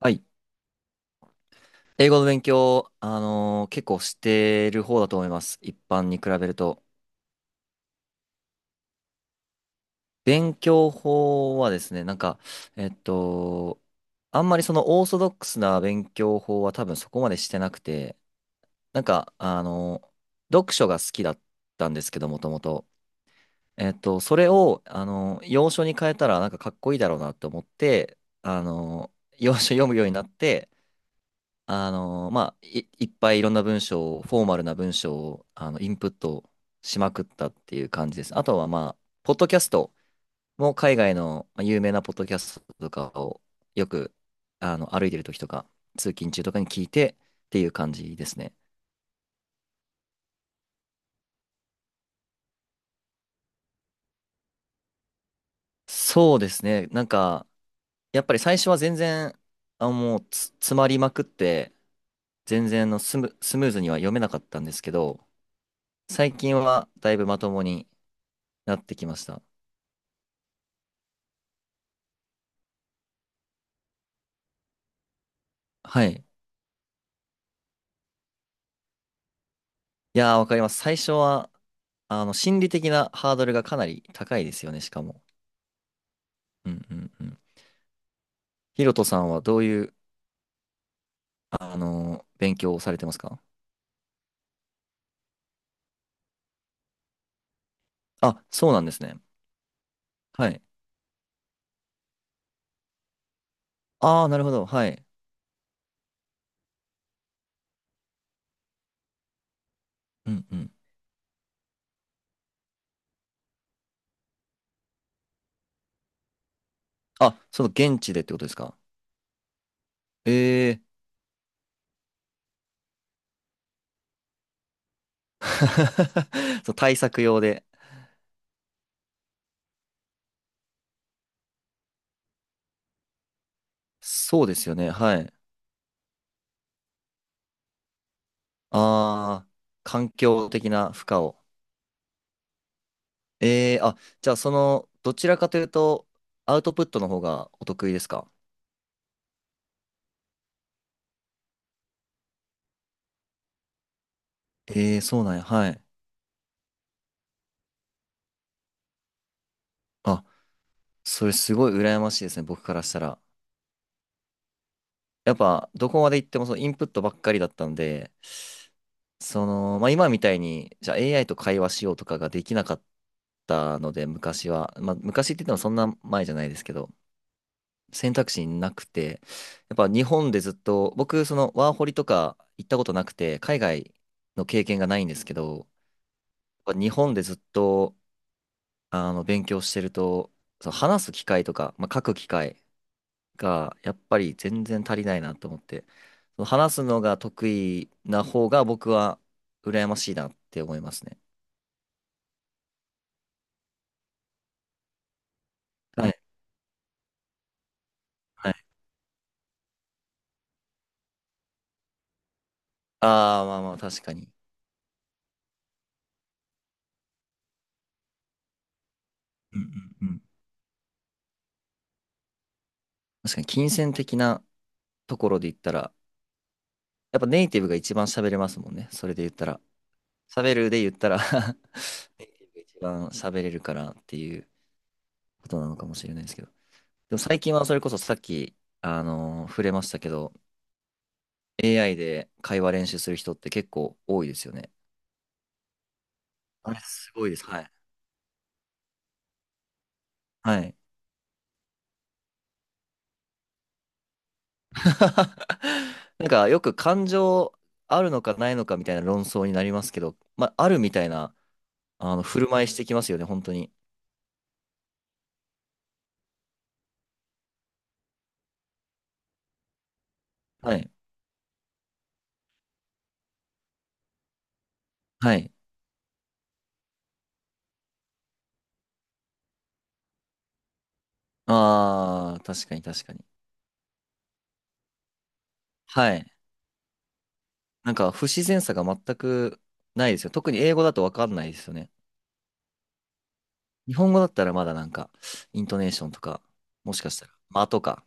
はい。英語の勉強、結構してる方だと思います。一般に比べると。勉強法はですね、なんか、えっと、あんまりそのオーソドックスな勉強法は多分そこまでしてなくて、なんか、読書が好きだったんですけど、もともと。それを、洋書に変えたらなんかかっこいいだろうなと思って、洋書読むようになって、まあ、いっぱいいろんな文章を、フォーマルな文章を、インプットしまくったっていう感じです。あとは、まあ、ポッドキャストも海外のまあ有名なポッドキャストとかをよく、歩いてる時とか、通勤中とかに聞いてっていう感じですね。そうですね。なんか、やっぱり最初は全然、あ、もう詰まりまくって、全然スムーズには読めなかったんですけど、最近はだいぶまともになってきました。はい。いやー、わかります。最初は、心理的なハードルがかなり高いですよね、しかも。うんうんうん。ヒロトさんはどういう、勉強をされてますか？あ、そうなんですね。はい。ああ、なるほど。はい。うんうん。あ、その現地でってことですか？ええー。そう、対策用で。そうですよね。はい。ああ、環境的な負荷を。ええー、あ、じゃあその、どちらかというと、アウトプットの方がお得意ですか？ええー、そうなんや。はい。あ、それすごい羨ましいですね、僕からしたら。やっぱ、どこまで行ってもそのインプットばっかりだったので、その、まあ今みたいに、じゃあ AI と会話しようとかができなかったので、昔は。まあ昔って言ってもそんな前じゃないですけど、選択肢なくて、やっぱ日本でずっと、僕、そのワーホリとか行ったことなくて、海外の経験がないんですけど、やっぱ日本でずっと、勉強してると、その話す機会とか、まあ、書く機会、がやっぱり全然足りないなと思って、その話すのが得意な方が僕は羨ましいなって思いますね。はいはい。ああ、まあまあ確かに。うんうんうん。確かに金銭的なところで言ったら、やっぱネイティブが一番喋れますもんね。それで言ったら。喋るで言ったら ネイティブが一番喋れるからっていうことなのかもしれないですけど。でも最近はそれこそさっき、触れましたけど、AI で会話練習する人って結構多いですよね。あれ、すごいです。はい。はい。なんか、よく感情あるのかないのかみたいな論争になりますけど、まあ、あるみたいな、振る舞いしてきますよね、本当に。はい。はい。ああ、確かに確かに。はい。なんか、不自然さが全くないですよ。特に英語だとわかんないですよね。日本語だったらまだなんか、イントネーションとか、もしかしたら、間とか、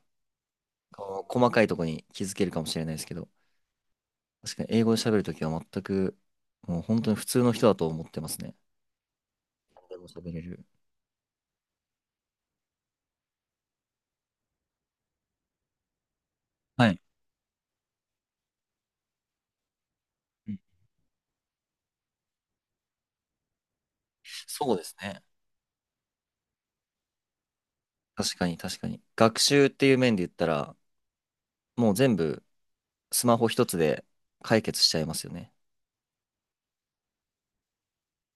こう細かいとこに気づけるかもしれないですけど、確かに英語で喋るときは全く、もう本当に普通の人だと思ってますね。でも喋れる。はい。うん、そうですね。確かに確かに。学習っていう面で言ったら、もう全部スマホ一つで解決しちゃいますよね。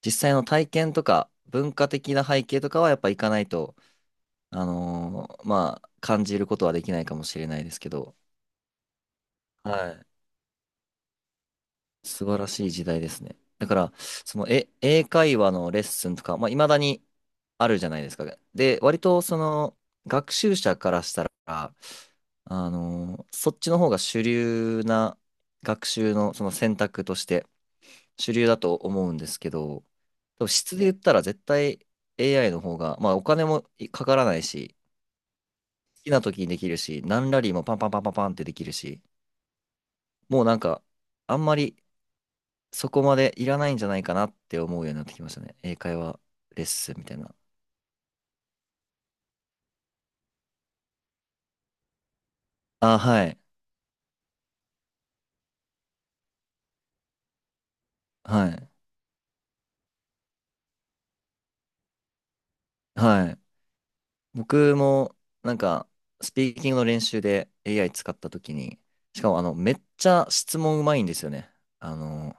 実際の体験とか文化的な背景とかはやっぱ行かないと、まあ、感じることはできないかもしれないですけど。はい。素晴らしい時代ですね。だから、その、英会話のレッスンとか、まあ、未だにあるじゃないですか。で、割と、その、学習者からしたら、そっちの方が主流な学習の、その選択として主流だと思うんですけど、多分質で言ったら絶対 AI の方が、まあ、お金もかからないし、好きな時にできるし、何ラリーもパンパンパンパンパンってできるし、もうなんか、あんまりそこまでいらないんじゃないかなって思うようになってきましたね。英会話レッスンみたいな。あ、はい。はい。はい。僕も、なんか、スピーキングの練習で AI 使った時に、しかも、めっちゃ質問うまいんですよね。あの、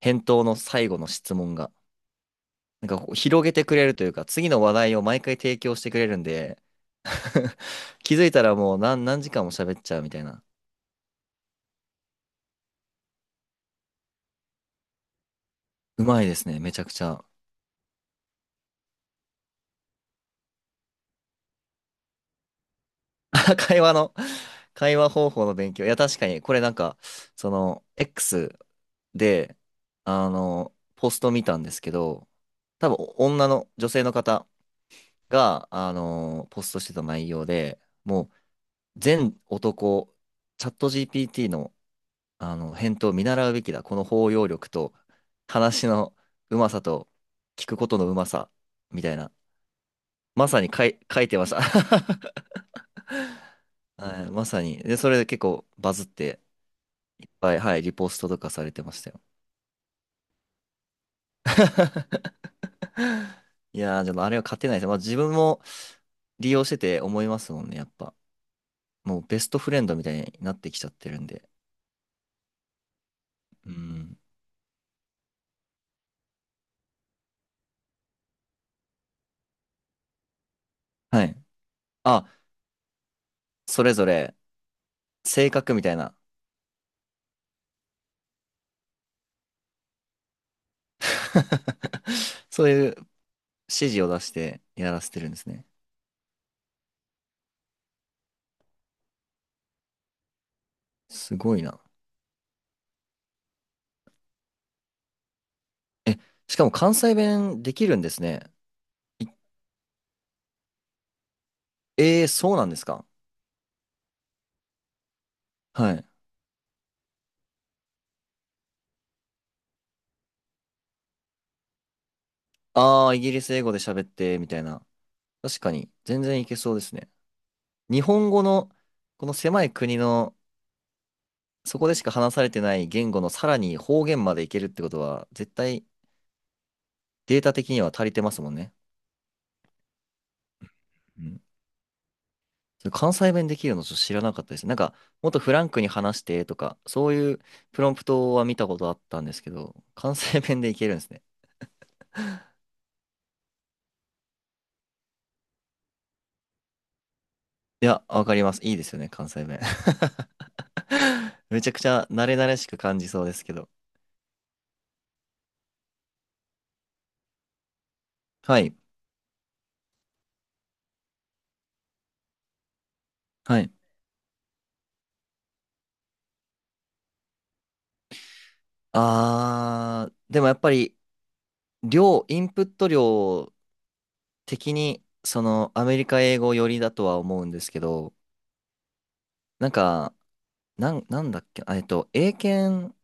返答の最後の質問が。なんか、こう広げてくれるというか、次の話題を毎回提供してくれるんで、気づいたらもう何時間も喋っちゃうみたいな。うまいですね。めちゃくちゃ。会話の、会話方法の勉強。いや、確かに、これなんか、その、X で、ポスト見たんですけど、多分、女性の方が、ポストしてた内容で、もう、全男、チャット GPT の、返答を見習うべきだ。この包容力と、話のうまさと、聞くことのうまさ、みたいな。まさに書いてました。はい、まさに。で、それで結構バズって、はいはい、リポストとかされてましたよ。いやー、でもあれは勝てないです。まあ自分も利用してて思いますもんね、やっぱ。もうベストフレンドみたいになってきちゃってるんで。うん。はい。あ、それぞれ性格みたいな。そういう指示を出してやらせてるんですね。すごいな。え、しかも関西弁できるんですね。いえー、そうなんですか？はい。ああ、イギリス英語で喋って、みたいな。確かに、全然いけそうですね。日本語のこの狭い国のそこでしか話されてない言語のさらに方言までいけるってことは絶対データ的には足りてますもんね。うん、それ関西弁できるのちょっと知らなかったです。なんかもっとフランクに話してとかそういうプロンプトは見たことあったんですけど関西弁でいけるんですね。いや、わかります。いいですよね、関西弁。めちゃくちゃ慣れ慣れしく感じそうですけど。はい。はい。あー、でもやっぱり量、インプット量的に、その、アメリカ英語寄りだとは思うんですけど、なんか、なんだっけ、英検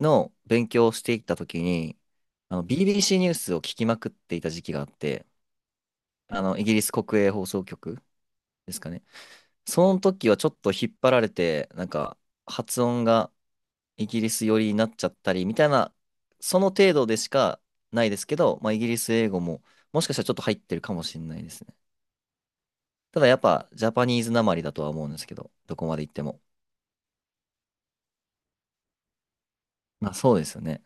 の勉強をしていた時に、BBC ニュースを聞きまくっていた時期があって、イギリス国営放送局ですかね。その時はちょっと引っ張られて、なんか、発音がイギリス寄りになっちゃったり、みたいな、その程度でしかないですけど、まあ、イギリス英語も、もしかしたらちょっと入ってるかもしれないですね。ただやっぱジャパニーズなまりだとは思うんですけど、どこまで行っても。まあそうですよね。